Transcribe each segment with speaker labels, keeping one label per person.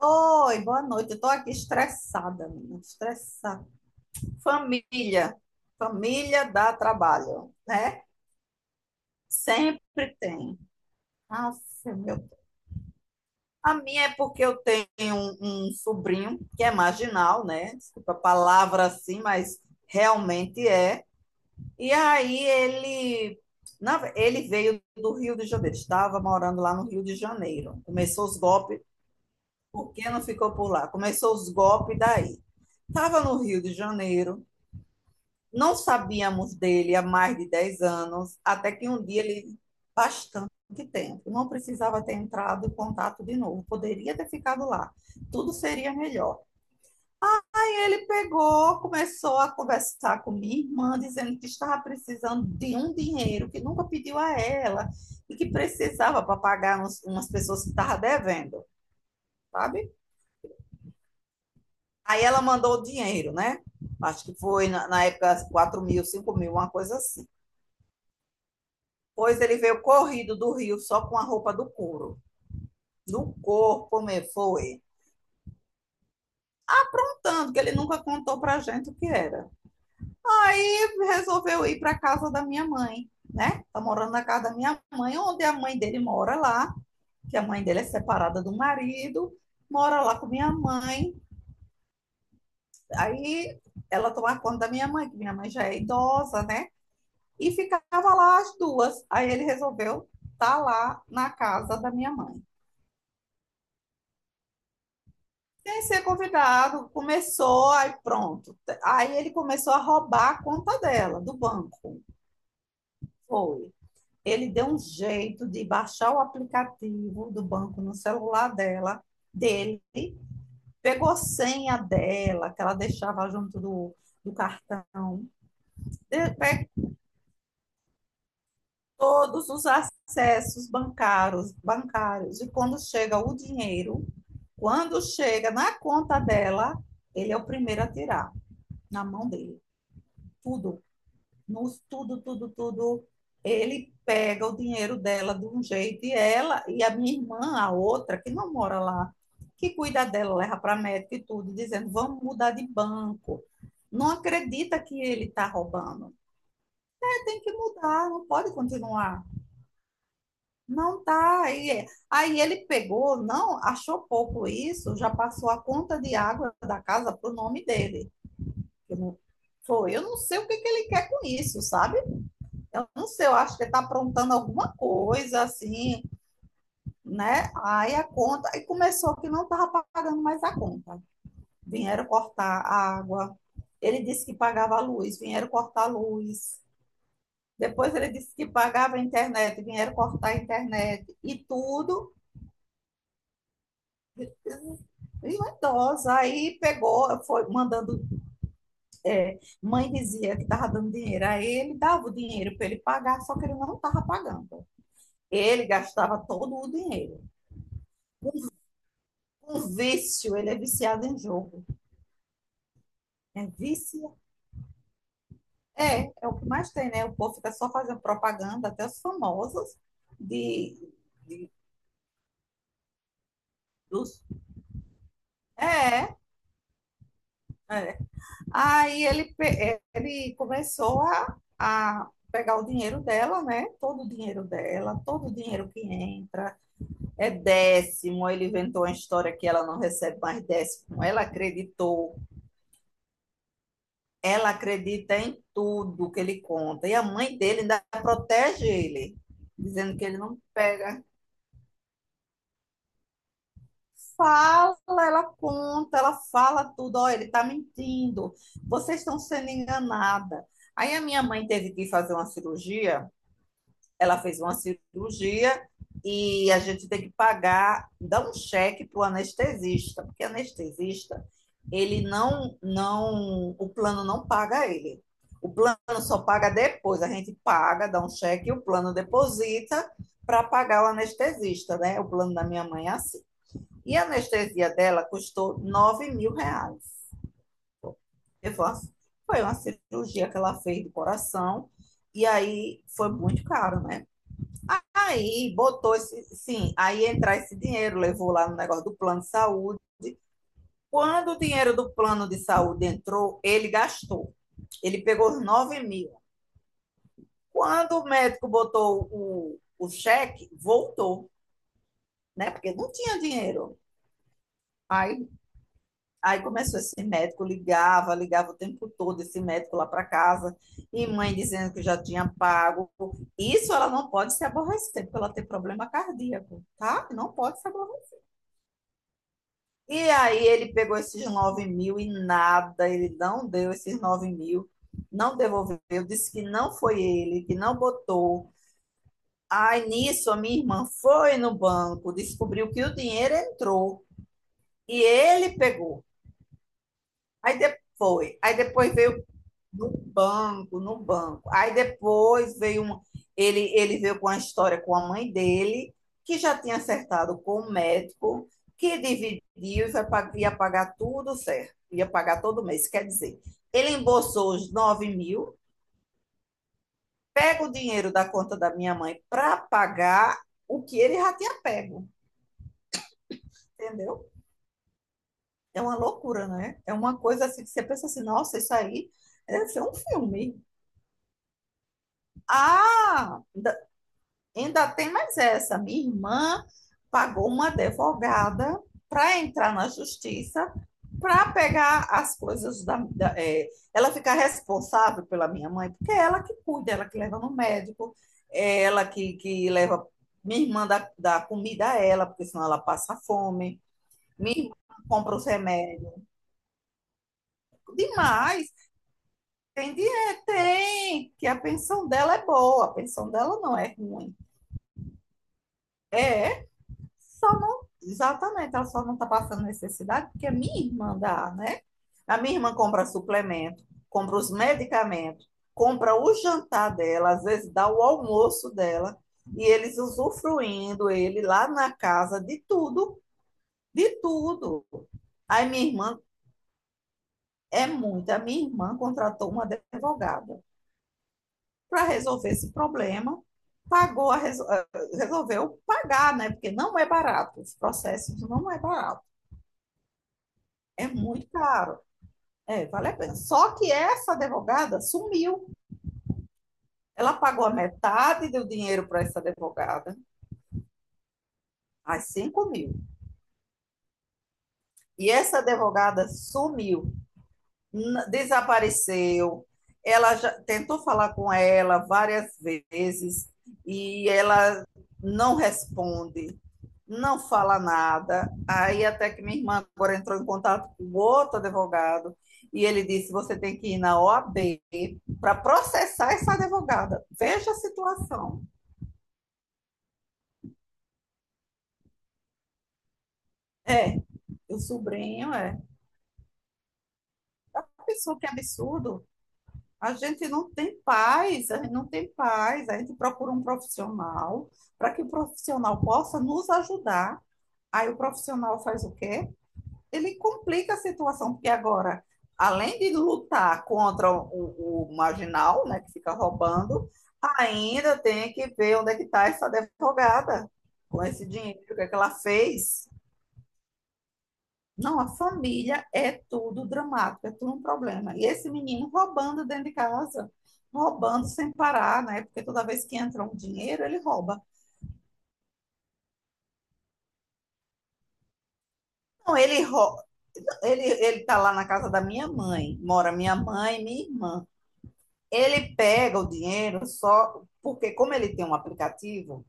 Speaker 1: Oi, boa noite. Eu tô aqui estressada, menina, estressada. Família, família dá trabalho, né? Sempre tem. Nossa, meu Deus. A minha é porque eu tenho um sobrinho que é marginal, né? Desculpa a palavra assim, mas realmente é. E aí ele, ele veio do Rio de Janeiro, estava morando lá no Rio de Janeiro. Começou os golpes. Por que não ficou por lá? Começou os golpes daí. Estava no Rio de Janeiro, não sabíamos dele há mais de 10 anos, até que um dia ele, bastante tempo, não precisava ter entrado em contato de novo, poderia ter ficado lá, tudo seria melhor. E ele pegou, começou a conversar com minha irmã, dizendo que estava precisando de um dinheiro que nunca pediu a ela e que precisava para pagar umas pessoas que estava devendo, sabe? Aí ela mandou o dinheiro, né? Acho que foi na época 4 mil, 5 mil, uma coisa assim. Pois ele veio corrido do Rio só com a roupa do couro. Do corpo, me foi. Tanto que ele nunca contou pra gente o que era. Aí resolveu ir pra casa da minha mãe, né? Tá morando na casa da minha mãe, onde a mãe dele mora lá, que a mãe dele é separada do marido, mora lá com minha mãe. Aí ela toma conta da minha mãe, que minha mãe já é idosa, né? E ficava lá as duas. Aí ele resolveu estar tá lá na casa da minha mãe. Sem ser convidado, começou, aí pronto. Aí ele começou a roubar a conta dela, do banco. Foi. Ele deu um jeito de baixar o aplicativo do banco no celular dela, dele, pegou a senha dela, que ela deixava junto do cartão, pegou todos os acessos bancários, bancários, e quando chega o dinheiro, quando chega na conta dela, ele é o primeiro a tirar, na mão dele. Tudo, nos tudo, tudo, tudo. Ele pega o dinheiro dela de um jeito e ela e a minha irmã, a outra, que não mora lá, que cuida dela, leva para médico e tudo, dizendo: vamos mudar de banco. Não acredita que ele está roubando. Tem que mudar, não pode continuar. Não tá. Aí ele pegou, não, achou pouco isso, já passou a conta de água da casa pro nome dele. Eu não, foi, eu não sei o que que ele quer com isso, sabe? Eu não sei, eu acho que ele tá aprontando alguma coisa assim, né? Aí a conta, aí começou que não tava pagando mais a conta. Vieram cortar a água. Ele disse que pagava a luz, vieram cortar a luz. Depois ele disse que pagava a internet, vieram cortar a internet. E tudo. E uma idosa, aí pegou, foi mandando. É, mãe dizia que estava dando dinheiro a ele, dava o dinheiro para ele pagar, só que ele não estava pagando. Ele gastava todo o dinheiro. Um, um vício, ele é viciado em jogo. É vício? É, é o que mais tem, né? O povo fica só fazendo propaganda, até os famosos, de, de, dos. É. Aí ele, ele começou a pegar o dinheiro dela, né? Todo o dinheiro dela, todo o dinheiro que entra. É décimo. Ele inventou uma história que ela não recebe mais décimo. Ela acreditou. Ela acredita em tudo que ele conta. E a mãe dele ainda protege ele, dizendo que ele não pega. Fala, ela conta, ela fala tudo. Ó, ele tá mentindo. Vocês estão sendo enganada. Aí a minha mãe teve que fazer uma cirurgia, ela fez uma cirurgia e a gente tem que pagar, dar um cheque para o anestesista, porque anestesista, ele o plano não paga ele. O plano só paga depois, a gente paga, dá um cheque e o plano deposita para pagar o anestesista, né? O plano da minha mãe é assim. E a anestesia dela custou 9 mil reais. Eu falo assim, foi uma cirurgia que ela fez do coração, e aí foi muito caro, né? Aí botou esse, sim, aí entrar esse dinheiro, levou lá no negócio do plano de saúde. Quando o dinheiro do plano de saúde entrou, ele gastou. Ele pegou os 9 mil. Quando o médico botou o cheque, voltou, né? Porque não tinha dinheiro. Aí, aí começou esse médico, ligava, ligava o tempo todo, esse médico lá para casa, e mãe dizendo que já tinha pago. Isso ela não pode se aborrecer, porque ela tem problema cardíaco, tá? Não pode se aborrecer. E aí ele pegou esses 9 mil e nada, ele não deu esses 9 mil, não devolveu, disse que não foi ele, que não botou. Aí nisso a minha irmã foi no banco, descobriu que o dinheiro entrou e ele pegou. Aí depois veio. No banco, no banco. Aí depois veio um, ele veio com a história com a mãe dele, que já tinha acertado com o médico, que dividiu e ia pagar tudo certo, ia pagar todo mês. Quer dizer, ele embolsou os 9 mil, pega o dinheiro da conta da minha mãe para pagar o que ele já tinha pego, entendeu? É uma loucura, né? É uma coisa assim que você pensa assim, nossa, isso aí deve ser um filme. Ah, ainda tem mais essa. Minha irmã pagou uma advogada para entrar na justiça para pegar as coisas é, ela fica responsável pela minha mãe, porque é ela que cuida, ela que leva no médico, é ela que leva, minha irmã dá comida a ela, porque senão ela passa fome. Minha irmã compra os remédios. Demais, tem dinheiro, tem, que a pensão dela é boa, a pensão dela não é ruim. É. Só não, exatamente, ela só não está passando necessidade porque a minha irmã dá, né? A minha irmã compra suplemento, compra os medicamentos, compra o jantar dela, às vezes dá o almoço dela, e eles usufruindo ele lá na casa de tudo, de tudo. Aí minha irmã é muita, a minha irmã contratou uma advogada para resolver esse problema, pagou a resolveu pagar, né? Porque não é barato, os processos não é barato. É muito caro. É, vale a pena. Só que essa advogada sumiu. Ela pagou a metade do dinheiro para essa advogada, as 5 mil. E essa advogada sumiu, desapareceu. Ela já tentou falar com ela várias vezes e ela não responde, não fala nada. Aí até que minha irmã agora entrou em contato com outro advogado e ele disse: você tem que ir na OAB para processar essa advogada. Veja a situação. É, o sobrinho é. Pessoa que é absurdo. A gente não tem paz, a gente não tem paz. A gente procura um profissional para que o profissional possa nos ajudar. Aí o profissional faz o quê? Ele complica a situação, porque agora, além de lutar contra o marginal, né, que fica roubando, ainda tem que ver onde é que está essa advogada com esse dinheiro, o que é que ela fez. Não, a família é tudo dramático, é tudo um problema. E esse menino roubando dentro de casa, roubando sem parar, né? Porque toda vez que entra um dinheiro, ele rouba. Não, ele rouba. Ele tá lá na casa da minha mãe, mora minha mãe e minha irmã. Ele pega o dinheiro só porque, como ele tem um aplicativo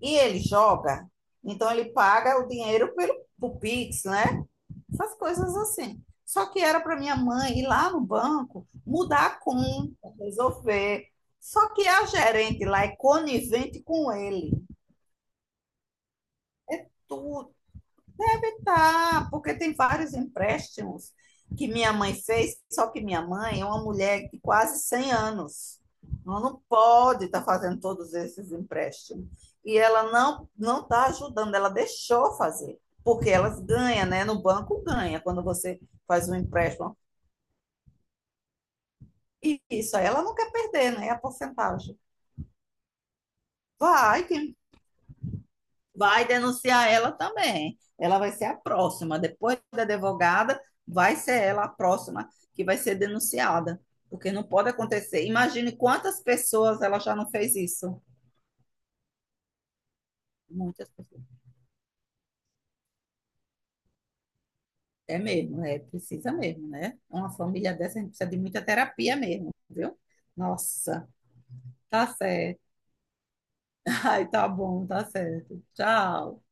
Speaker 1: e ele joga, então ele paga o dinheiro pelo Pix, né? Essas coisas assim. Só que era para minha mãe ir lá no banco, mudar a conta, resolver. Só que a gerente lá é conivente com ele. Tudo tá, porque tem vários empréstimos que minha mãe fez, só que minha mãe é uma mulher de quase 100 anos. Ela não pode estar fazendo todos esses empréstimos. E ela não está ajudando, ela deixou fazer, porque elas ganham, né? No banco ganha. Quando você faz um empréstimo. Isso, aí ela não quer perder, né? A porcentagem. Vai, quem vai denunciar ela também. Ela vai ser a próxima. Depois da advogada, vai ser ela a próxima que vai ser denunciada. Porque não pode acontecer. Imagine quantas pessoas ela já não fez isso. Muitas pessoas. É mesmo, é, precisa mesmo, né? Uma família dessa, a gente precisa de muita terapia mesmo, viu? Nossa, tá certo. Ai, tá bom, tá certo. Tchau.